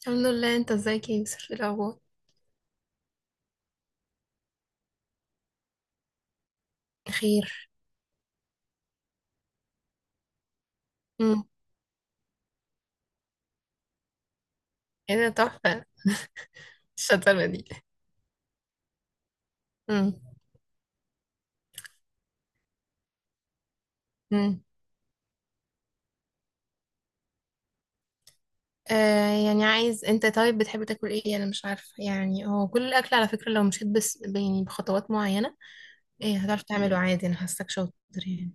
الحمد لله. انت ازيك يا يوسف؟ ايه الاخبار؟ خير. امم ايه ده؟ تحفه. الشطاره دي. امم. امم. آه، يعني عايز. انت طيب بتحب تاكل ايه؟ انا مش عارفه يعني، هو كل الاكل على فكره لو مشيت بس يعني بخطوات معينه. ايه هتعرف تعمله؟ عادي، انا حاساك شاطر يعني.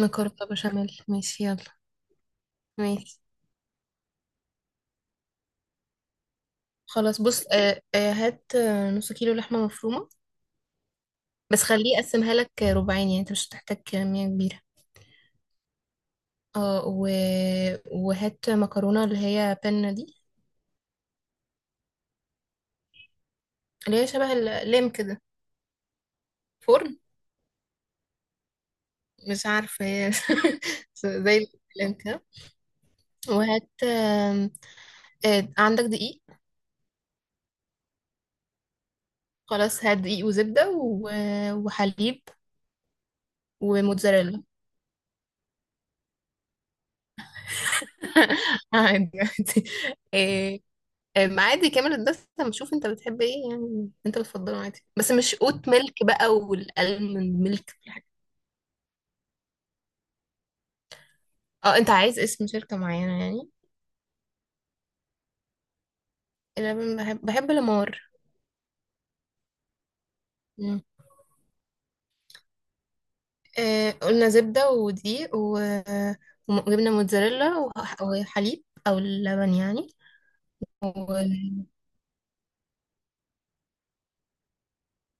مكرونه بشاميل؟ ماشي، يلا. ماشي. خلاص، بص. هات، نص كيلو لحمه مفرومه. بس خليه يقسمها لك ربعين، يعني انت مش هتحتاج كميه كبيره. اه وهات مكرونه اللي هي بنه دي. اللي هي شبه اللام كده. فرن. مش عارفة هي. زي اللام كده. وهات عندك دقيق؟ خلاص، هات دقيق وزبدة وحليب. وموتزاريلا. عادي عادي. آه، آم، عادي كامل الدسم. شوف انت بتحب ايه، يعني انت بتفضله عادي، بس مش اوت ميلك بقى والالمند ميلك والحاجات. اه، انت عايز اسم شركة معينة يعني؟ انا بحب الامار. قلنا زبدة ودقيق وجبنة موتزاريلا وحليب أو اللبن يعني.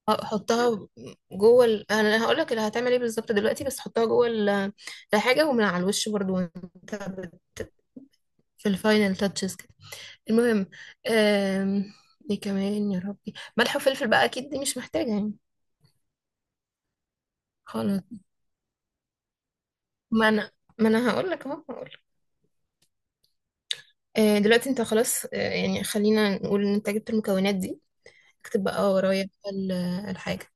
وحطها جوه أنا هقولك اللي هتعمل ايه بالظبط دلوقتي. بس حطها جوه الحاجة، ومن على الوش برضو وانت في الفاينل تاتشز كده. المهم. آم، ايه كمان يا ربي؟ ملح وفلفل بقى أكيد دي مش محتاجة يعني. خلاص. ما أنا ما أنا هقولك أهو هقولك. دلوقتي انت خلاص، يعني خلينا نقول ان انت جبت المكونات دي. اكتب بقى ورايا بقى الحاجة.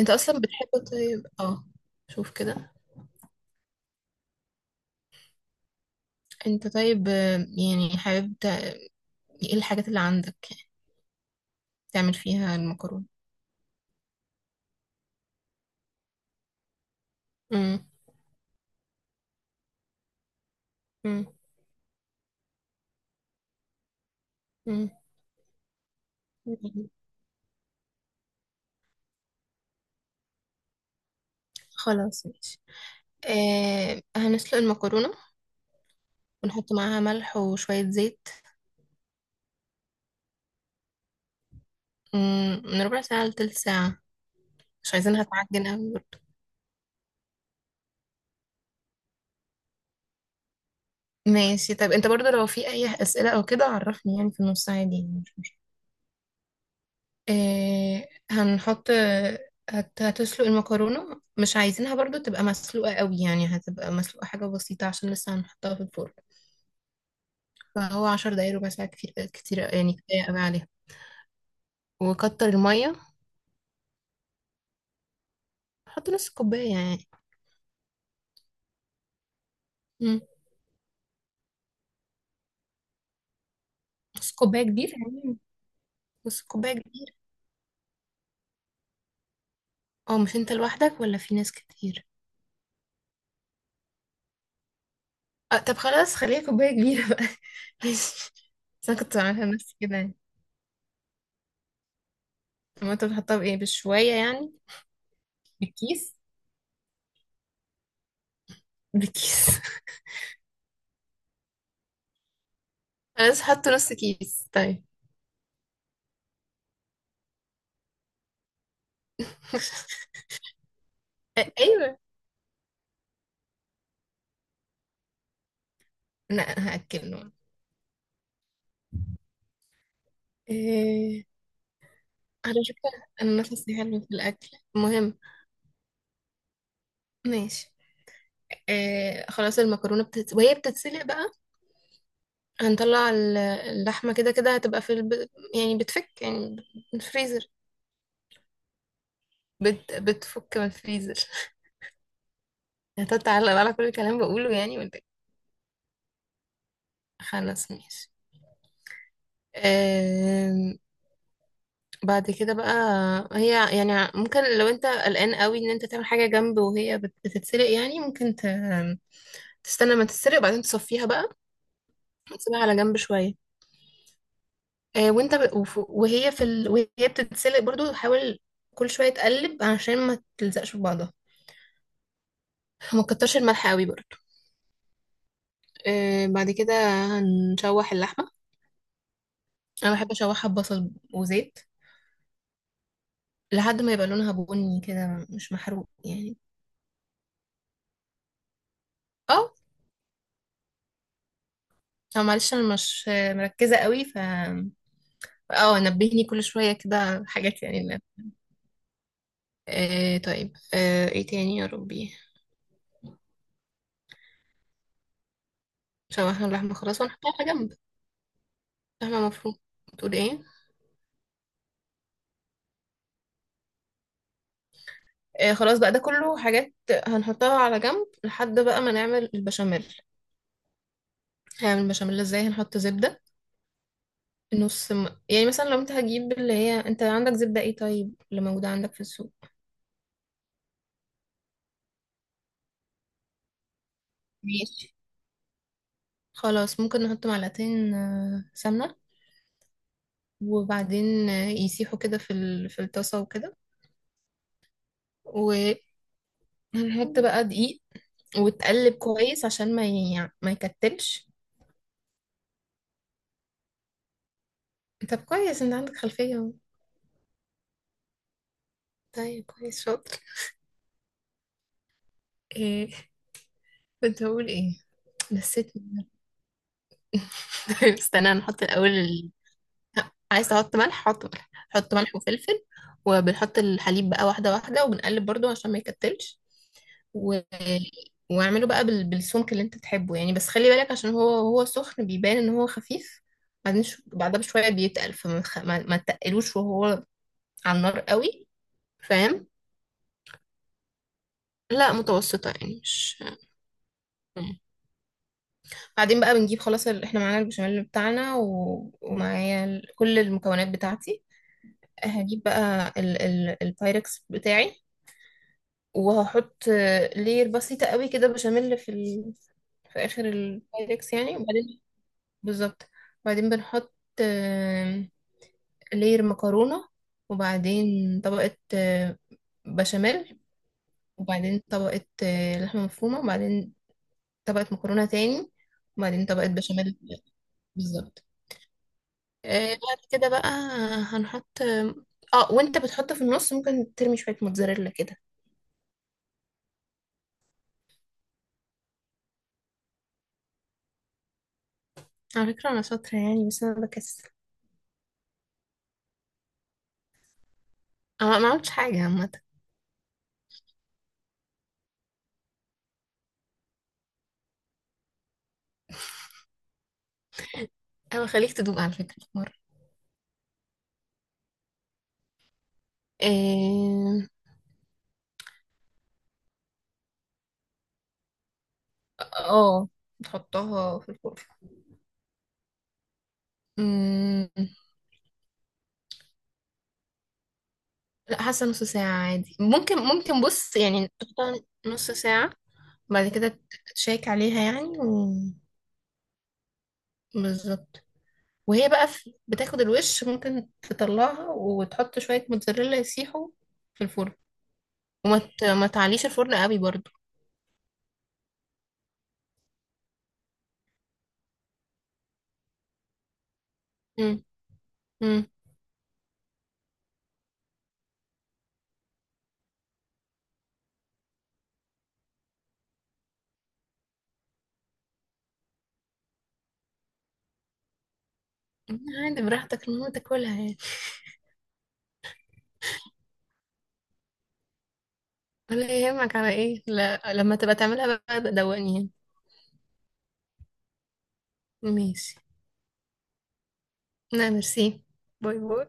انت اصلا بتحب طيب اه. شوف كده. انت طيب، يعني حابب ايه الحاجات اللي عندك يعني تعمل فيها المكرونة؟ امم. امم. امم. خلاص، ماشي. آه، هنسلق المكرونة. ونحط معاها ملح وشوية زيت. من ربع ساعة لتلت ساعة. مش عايزينها تعجن اوي برضه. ماشي، طب انت برضه لو في اي اسئلة او كده عرفني يعني في النص، عادي يعني مش مشكلة. هنحط. هتسلق المكرونة. مش عايزينها برضو تبقى مسلوقة قوي، يعني هتبقى مسلوقة حاجة بسيطة عشان لسه هنحطها في الفرن. فهو 10 دقايق، ربع ساعة كتير كتير يعني، كفاية قوي عليها. وكتر المية. حط نص كوباية يعني. مم. نص كوباية كبيرة يعني. نص كوباية كبيرة. اه، مش انت لوحدك ولا في ناس كتير؟ أه، طب خلاص خليها كوباية كبيرة بقى. ماشي. بس انا كنت عاملها لنفسي كده يعني. طب ما انت بتحطها بايه؟ بشوية يعني؟ بكيس. بكيس. انا لسه حاطه نص كيس طيب. ايوه. لا، انا هاكله. إيه... على فكره انا نفسي حلو في الاكل. المهم. ماشي. خلاص، المكرونه وهي بتتسلق بقى. هنطلع اللحمه كده كده هتبقى في يعني بتفك يعني من الفريزر. بتفك من الفريزر. هتتعلق على كل الكلام بقوله يعني ولا إيه؟ خلاص، ماشي. آه، بعد كده بقى، هي يعني ممكن لو انت قلقان قوي ان انت تعمل حاجة جنب وهي بتتسلق، يعني ممكن تستنى ما تتسلق وبعدين تصفيها بقى. وتسيبها على جنب شوية. وانت وهي في وهي بتتسلق برضو، حاول كل شوية تقلب عشان ما تلزقش في بعضها. ما تكترش الملح قوي برضو. بعد كده هنشوح اللحمة. انا بحب اشوحها ببصل وزيت. لحد ما يبقى لونها بني كده، مش محروق يعني. اه. اه، معلش انا مش مركزة قوي اه نبهني كل شوية كده حاجات يعني اللي. آه طيب، ايه تاني يا ربي؟ شوحنا اللحمة خلاص ونحطها على جنب. لحمة مفرومة. بتقول ايه؟ آه، خلاص بقى ده كله حاجات هنحطها على جنب لحد بقى ما نعمل البشاميل. هنعمل البشاميل ازاي؟ هنحط زبدة. نص يعني مثلا لو انت هتجيب اللي هي، انت عندك زبدة ايه طيب اللي موجودة عندك في السوق؟ ماشي. خلاص، ممكن نحط معلقتين سمنة. وبعدين يسيحوا كده في في الطاسة وكده. وهنحط بقى دقيق. وتقلب كويس عشان ما يكتلش. طب كويس، انت عندك خلفية اهو. طيب كويس، شاطر. ايه كنت هقول ايه؟ نسيت. طيب، استنى نحط الاول عايز تحط ملح؟ حط ملح، حط ملح وفلفل. وبنحط الحليب بقى واحدة واحدة، وبنقلب برضو عشان ما يكتلش. و... واعمله بقى بالسمك اللي انت تحبه يعني، بس خلي بالك عشان هو سخن بيبان ان هو خفيف. بعدين بعدها بشوية بيتقل، فما ما تقلوش وهو على النار قوي. فاهم. لا، متوسطة يعني، مش. مم. بعدين بقى بنجيب خلاص احنا معانا البشاميل بتاعنا ومعايا كل المكونات بتاعتي. هجيب بقى البايركس بتاعي. وهحط لير بسيطة قوي كده بشاميل في في آخر البايركس يعني، وبعدين بالظبط. وبعدين بنحط آم، لير مكرونة. وبعدين طبقة بشاميل. وبعدين طبقة لحمة مفرومة، وبعدين طبقة مكرونة تاني، وبعدين طبقة بشاميل. بالظبط. بعد كده بقى هنحط. اه، وانت بتحط في النص ممكن ترمي شوية موتزاريلا كده. على فكرة انا شاطرة يعني، بس انا بكسل. انا ما عملتش حاجة عامة. انا خليك تدوق على فكرة في مرة. اه. آه، بتحطها في الفرن. مم، لا، حاسة نص ساعة عادي، ممكن بص يعني تحطها نص ساعة. بعد كده تشيك عليها يعني بالظبط. وهي بقى بتاخد الوش، ممكن تطلعها وتحط شوية موتزاريلا يسيحوا في الفرن. وما ما تعليش الفرن قوي برضو. مم. مم. عادي براحتك، المهم تاكلها يعني. ولا يهمك على ايه. لا، لما تبقى تعملها بقى دوقني يعني. ماشي. لا، ميرسي. باي باي.